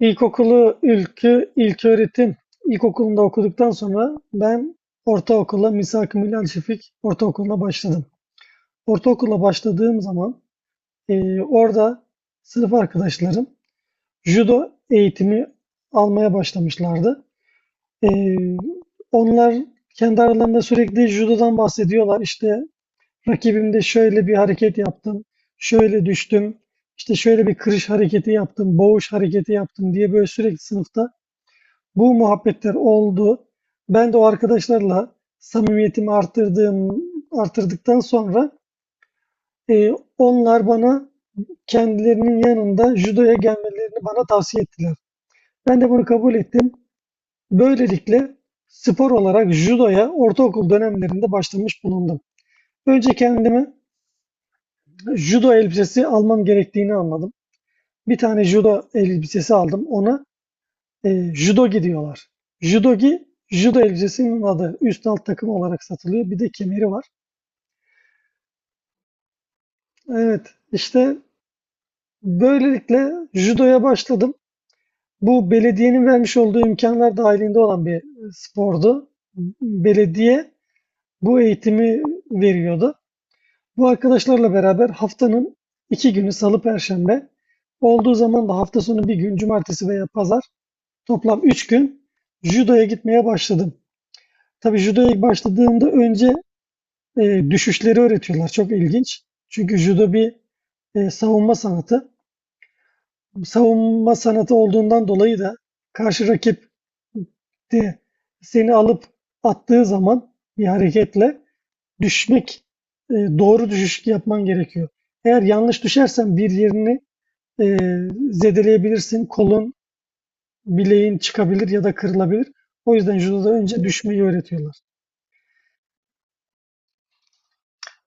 İlkokulu ilköğretim ilkokulunda okuduktan sonra ben ortaokula Misak-ı Milal Şefik Ortaokulu'na başladım. Ortaokula başladığım zaman orada sınıf arkadaşlarım judo eğitimi almaya başlamışlardı. Eee, onlar kendi aralarında sürekli judodan bahsediyorlar. İşte rakibimde şöyle bir hareket yaptım, şöyle düştüm, işte şöyle bir kırış hareketi yaptım, boğuş hareketi yaptım diye böyle sürekli sınıfta bu muhabbetler oldu. Ben de o arkadaşlarla samimiyetimi arttırdıktan sonra e, onlar bana kendilerinin yanında judoya gelmelerini bana tavsiye ettiler. Ben de bunu kabul ettim. Böylelikle spor olarak judoya ortaokul dönemlerinde başlamış bulundum. Önce kendime judo elbisesi almam gerektiğini anladım. Bir tane judo elbisesi aldım. Ona judogi diyorlar. Judogi, judo elbisesinin adı. Üst alt takım olarak satılıyor. Bir de kemeri var. Evet, işte böylelikle judoya başladım. Bu belediyenin vermiş olduğu imkanlar dahilinde olan bir spordu. Belediye bu eğitimi veriyordu. Bu arkadaşlarla beraber haftanın iki günü salı perşembe olduğu zaman da hafta sonu bir gün cumartesi veya pazar toplam üç gün judoya gitmeye başladım. Tabii judoya ilk başladığımda önce düşüşleri öğretiyorlar. Çok ilginç. Çünkü judo bir savunma sanatı. Savunma sanatı olduğundan dolayı da karşı rakip de seni alıp attığı zaman bir hareketle düşmek, doğru düşüş yapman gerekiyor. Eğer yanlış düşersen bir yerini e, zedeleyebilirsin. Kolun, bileğin çıkabilir ya da kırılabilir. O yüzden judoda önce düşmeyi öğretiyorlar.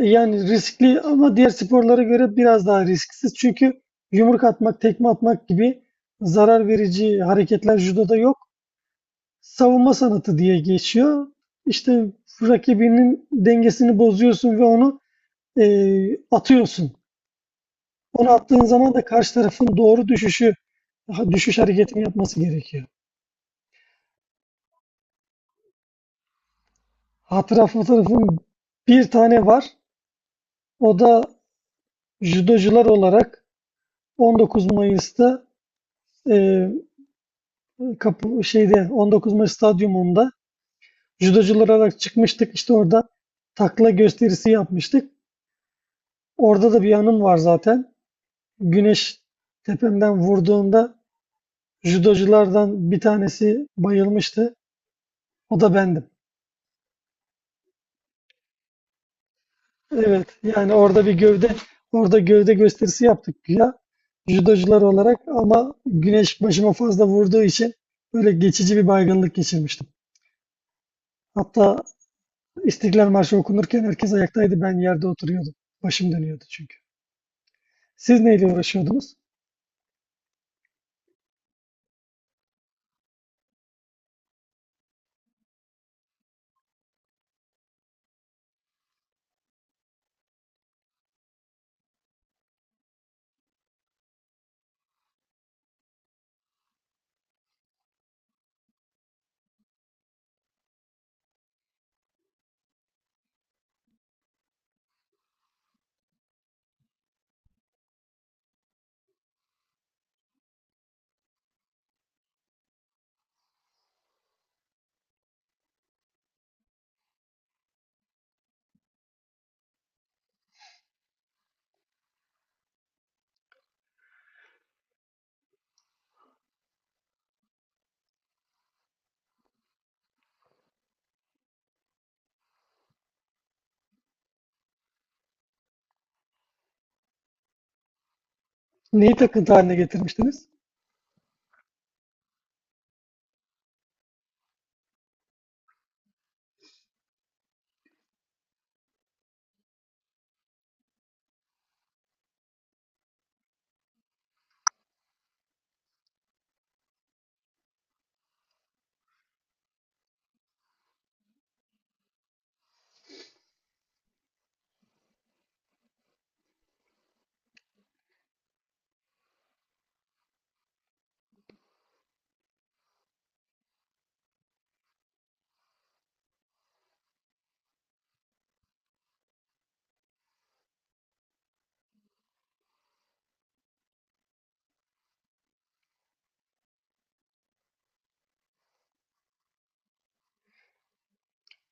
Yani riskli ama diğer sporlara göre biraz daha risksiz. Çünkü yumruk atmak, tekme atmak gibi zarar verici hareketler judoda yok. Savunma sanatı diye geçiyor. İşte rakibinin dengesini bozuyorsun ve onu atıyorsun. Onu attığın zaman da karşı tarafın doğru düşüşü, düşüş hareketini yapması gerekiyor. Hatıra fotoğrafım bir tane var. O da judocular olarak 19 Mayıs'ta eee kapı şeyde 19 Mayıs stadyumunda judocular olarak çıkmıştık. İşte orada takla gösterisi yapmıştık. Orada da bir anım var zaten. Güneş tepemden vurduğunda judoculardan bir tanesi bayılmıştı. O da bendim. Evet, yani orada gövde gösterisi yaptık ya judocular olarak ama güneş başıma fazla vurduğu için böyle geçici bir baygınlık geçirmiştim. Hatta İstiklal Marşı okunurken herkes ayaktaydı. Ben yerde oturuyordum. Başım dönüyordu çünkü. Siz neyle uğraşıyordunuz? Neyi takıntı haline getirmiştiniz?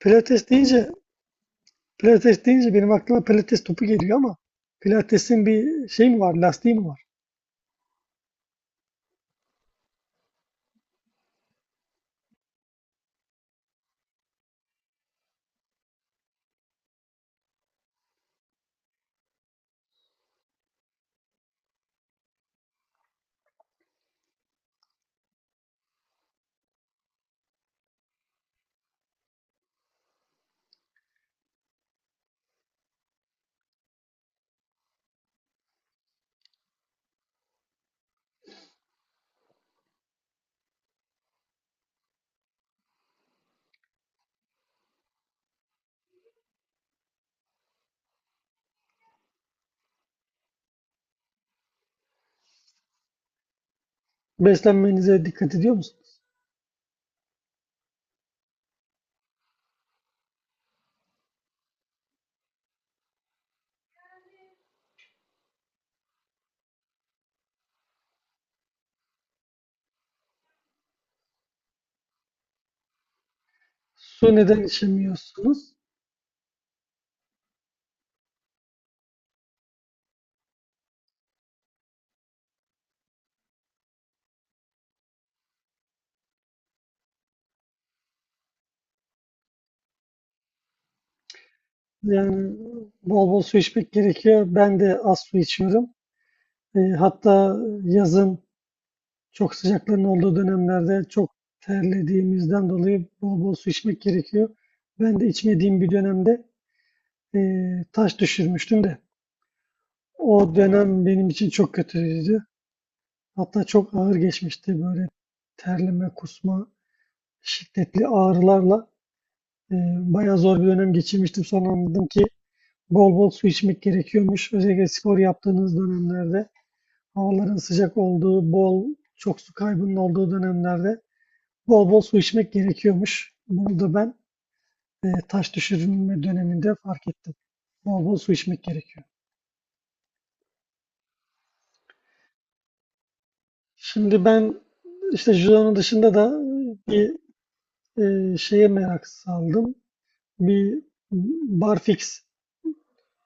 Pilates deyince, pilates deyince benim aklıma pilates topu geliyor ama pilatesin bir şey mi var, lastiği mi var? Beslenmenize dikkat ediyor musunuz? Su neden içemiyorsunuz? Yani bol bol su içmek gerekiyor. Ben de az su içiyorum. E, hatta yazın çok sıcakların olduğu dönemlerde çok terlediğimizden dolayı bol bol su içmek gerekiyor. Ben de içmediğim bir dönemde taş düşürmüştüm de o dönem benim için çok kötüydü. Hatta çok ağır geçmişti böyle terleme, kusma, şiddetli ağrılarla bayağı zor bir dönem geçirmiştim. Sonra anladım ki bol bol su içmek gerekiyormuş. Özellikle spor yaptığınız dönemlerde havaların sıcak olduğu, çok su kaybının olduğu dönemlerde bol bol su içmek gerekiyormuş. Bunu da ben taş düşürme döneminde fark ettim. Bol bol su içmek gerekiyor. Şimdi ben işte judonun dışında da bir şeye merak saldım. Bir barfix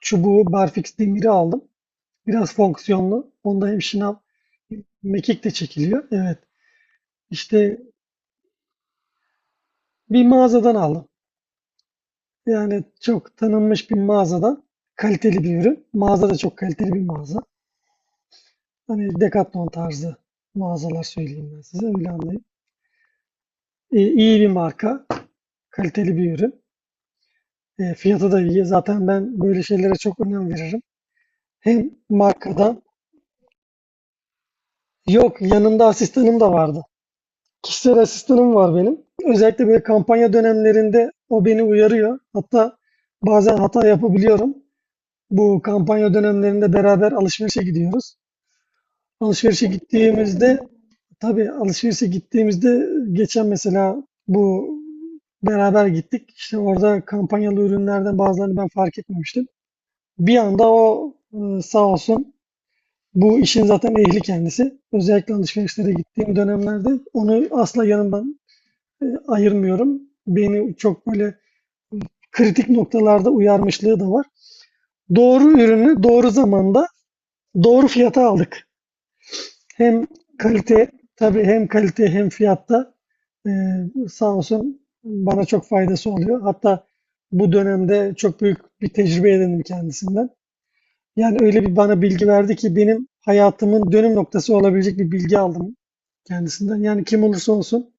çubuğu, barfix demiri aldım. Biraz fonksiyonlu. Onda hem şınav hem mekik de çekiliyor. Evet. İşte bir mağazadan aldım. Yani çok tanınmış bir mağazadan kaliteli bir ürün. Mağaza da çok kaliteli bir mağaza. Hani Decathlon tarzı mağazalar söyleyeyim ben size. Öyle anlayın. E, iyi bir marka, kaliteli bir ürün. E, fiyatı da iyi. Zaten ben böyle şeylere çok önem veririm. Hem markadan, yok yanımda asistanım da vardı. Kişisel asistanım var benim. Özellikle böyle kampanya dönemlerinde o beni uyarıyor. Hatta bazen hata yapabiliyorum. Bu kampanya dönemlerinde beraber alışverişe gidiyoruz. Alışverişe gittiğimizde Tabii, alışverişe gittiğimizde geçen mesela bu beraber gittik. İşte orada kampanyalı ürünlerden bazılarını ben fark etmemiştim. Bir anda sağ olsun bu işin zaten ehli kendisi. Özellikle alışverişlere gittiğim dönemlerde onu asla yanımdan, ayırmıyorum. Beni çok böyle kritik noktalarda uyarmışlığı da var. Doğru ürünü doğru zamanda doğru fiyata aldık. Hem kalite tabii hem kalite hem fiyatta sağ olsun bana çok faydası oluyor. Hatta bu dönemde çok büyük bir tecrübe edindim kendisinden. Yani öyle bir bana bilgi verdi ki benim hayatımın dönüm noktası olabilecek bir bilgi aldım kendisinden. Yani kim olursa olsun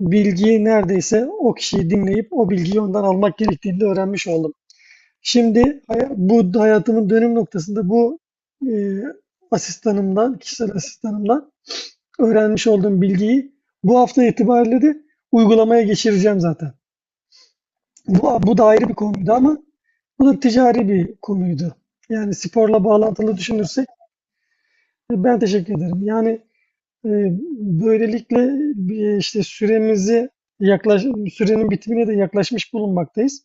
bilgiyi neredeyse o kişiyi dinleyip o bilgiyi ondan almak gerektiğini de öğrenmiş oldum. Şimdi bu hayatımın dönüm noktasında bu eee asistanımdan, kişisel asistanımdan öğrenmiş olduğum bilgiyi bu hafta itibariyle de uygulamaya geçireceğim zaten. Bu da ayrı bir konuydu ama bu da ticari bir konuydu. Yani sporla bağlantılı düşünürsek ben teşekkür ederim. Yani e, böylelikle işte yaklaş, sürenin bitimine de yaklaşmış bulunmaktayız.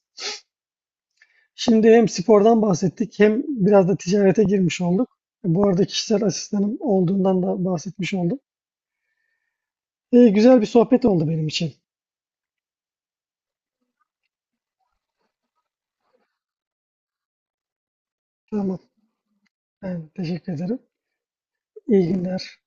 Şimdi hem spordan bahsettik hem biraz da ticarete girmiş olduk. Bu arada kişisel asistanım olduğundan da bahsetmiş oldum. E, güzel bir sohbet oldu benim için. Tamam. Ben teşekkür ederim. İyi günler.